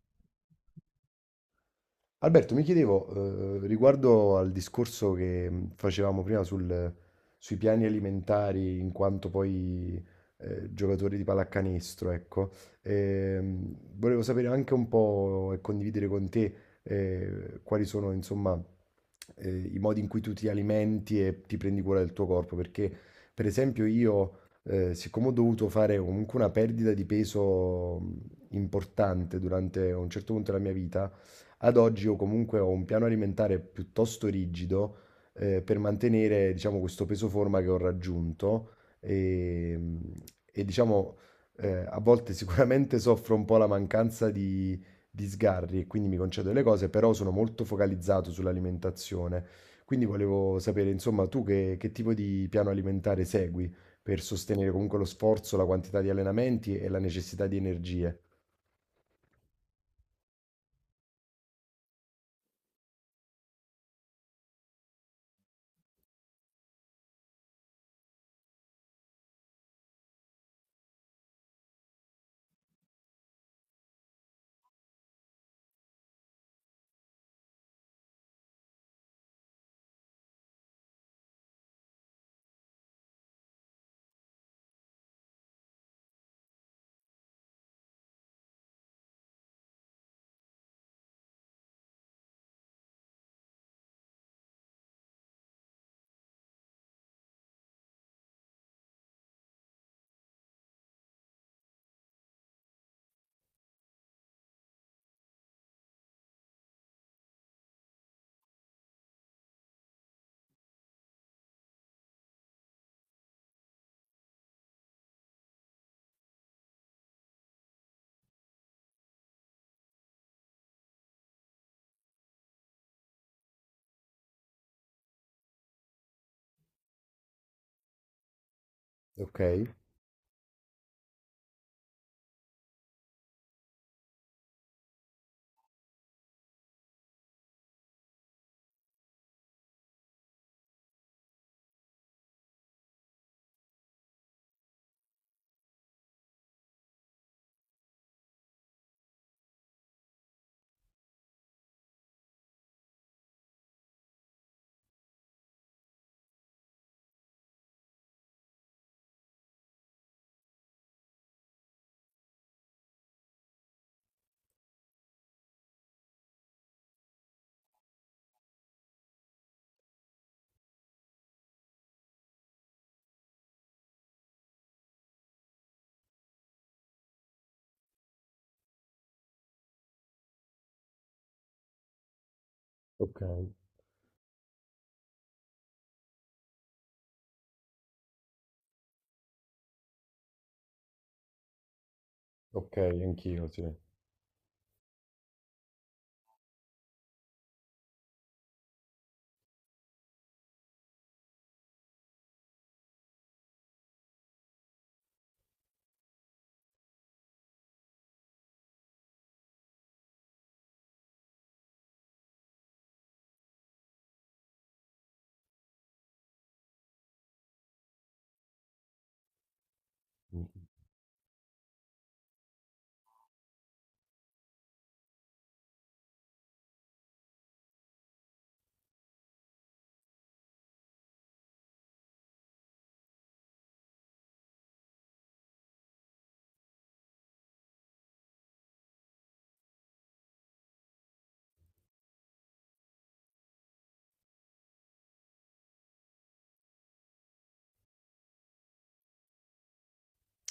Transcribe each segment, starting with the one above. Più Alberto, mi chiedevo, riguardo al discorso che facevamo prima sui piani alimentari, in quanto poi giocatori di pallacanestro, ecco. Volevo sapere anche un po' e condividere con te quali sono, insomma, i modi in cui tu ti alimenti e ti prendi cura del tuo corpo, perché per esempio io, siccome ho dovuto fare comunque una perdita di peso importante durante un certo punto della mia vita, ad oggi io comunque ho un piano alimentare piuttosto rigido, per mantenere, diciamo, questo peso forma che ho raggiunto e, mh, e, diciamo, a volte sicuramente soffro un po' la mancanza di sgarri e quindi mi concedo le cose, però sono molto focalizzato sull'alimentazione. Quindi volevo sapere, insomma, tu che tipo di piano alimentare segui per sostenere comunque lo sforzo, la quantità di allenamenti e la necessità di energie? Ok, ok, ok, anch'io, sì.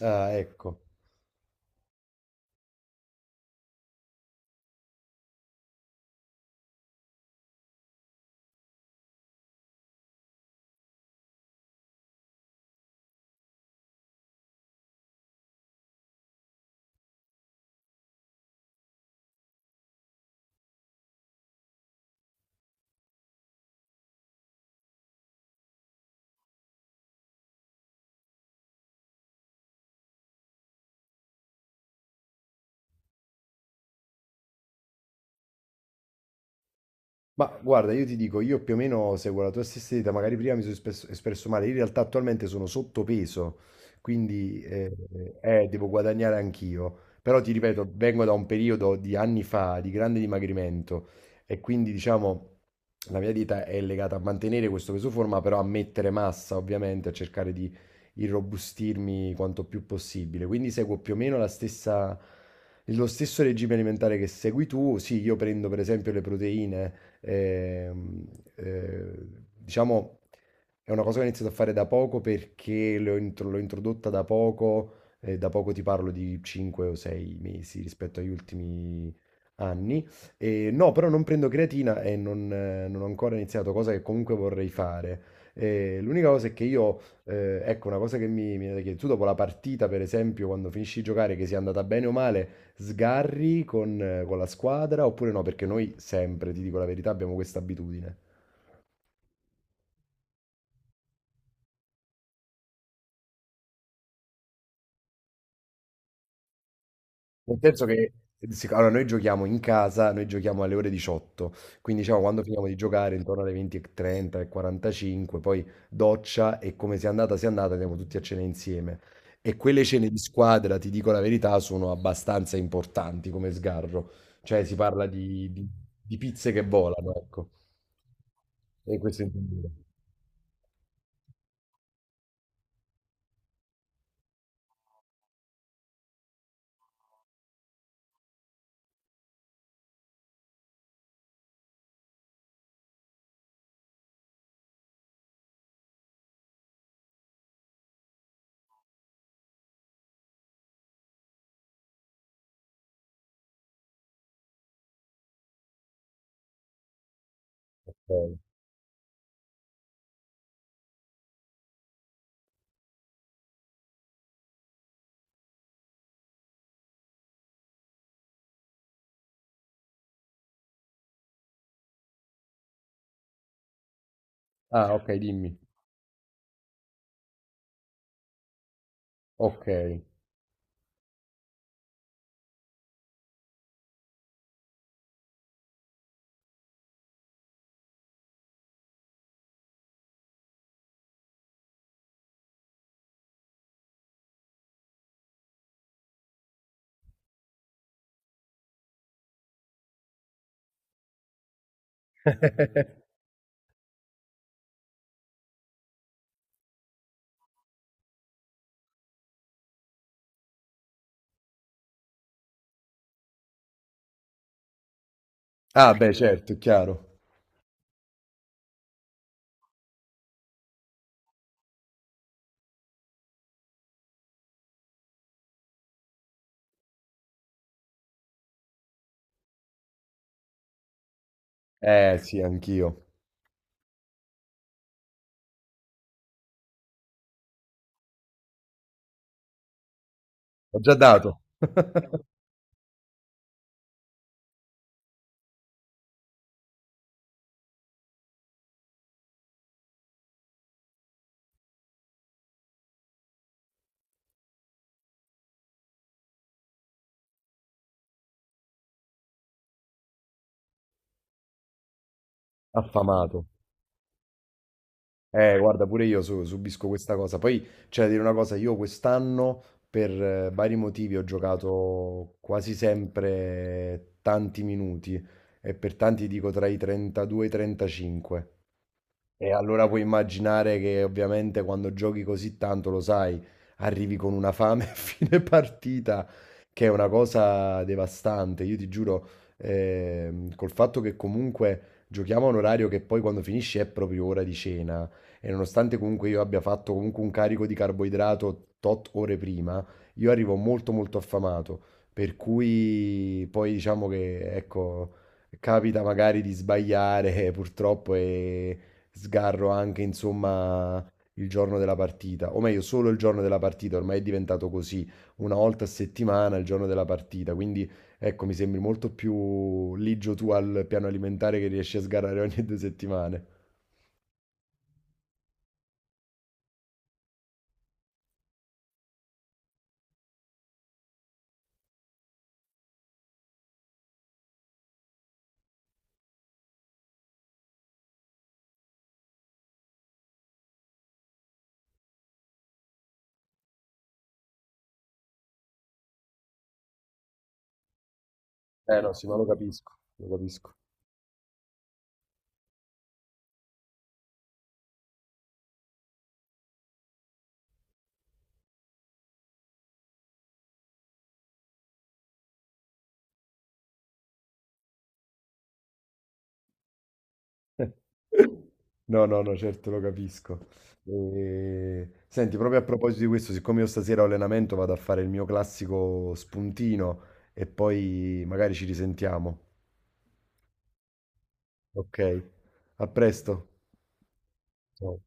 Ah, ecco. Ma guarda, io ti dico, io più o meno seguo la tua stessa idea. Magari prima mi sono espresso male, in realtà attualmente sono sottopeso, quindi devo guadagnare anch'io, però ti ripeto, vengo da un periodo di anni fa di grande dimagrimento, e quindi diciamo la mia dieta è legata a mantenere questo peso forma, però a mettere massa ovviamente, a cercare di irrobustirmi quanto più possibile, quindi seguo più o meno la stessa... Lo stesso regime alimentare che segui tu. Sì, io prendo per esempio le proteine, ehm, eh, diciamo, è una cosa che ho iniziato a fare da poco perché l'ho introdotta da poco ti parlo di 5 o 6 mesi rispetto agli ultimi anni. E no, però non prendo creatina e non, non ho ancora iniziato, cosa che comunque vorrei fare. L'unica cosa è che io, ecco, una cosa che mi viene da chiedere, tu dopo la partita, per esempio, quando finisci di giocare, che sia andata bene o male, sgarri con la squadra oppure no? Perché noi sempre, ti dico la verità, abbiamo questa abitudine. Nel senso che allora, noi giochiamo in casa, noi giochiamo alle ore 18, quindi diciamo quando finiamo di giocare intorno alle 20:30 e 45, poi doccia e come sia andata, andiamo tutti a cena insieme. E quelle cene di squadra, ti dico la verità, sono abbastanza importanti come sgarro. Cioè si parla di pizze che volano, ecco. E questo intendevo. Ok. Ah, ok, dimmi. Okay. Ah beh certo, è chiaro. Eh sì, anch'io. Ho già dato. Affamato. Guarda, pure io su subisco questa cosa. Poi c'è da dire una cosa, io quest'anno per vari motivi ho giocato quasi sempre tanti minuti, e per tanti dico tra i 32 e i 35. E allora puoi immaginare che ovviamente quando giochi così tanto, lo sai, arrivi con una fame a fine partita, che è una cosa devastante. Io ti giuro, col fatto che comunque giochiamo a un orario che poi quando finisce è proprio ora di cena, e nonostante comunque io abbia fatto comunque un carico di carboidrato tot ore prima, io arrivo molto molto affamato, per cui poi diciamo che, ecco, capita magari di sbagliare purtroppo e sgarro anche, insomma, il giorno della partita, o meglio, solo il giorno della partita, ormai è diventato così, una volta a settimana il giorno della partita, quindi ecco, mi sembri molto più ligio tu al piano alimentare che riesci a sgarrare ogni due settimane. Eh no, sì, ma lo capisco, lo capisco. No, no, no, certo lo capisco. Senti, proprio a proposito di questo, siccome io stasera ho allenamento, vado a fare il mio classico spuntino e poi magari ci risentiamo. Okay. A presto. Ciao.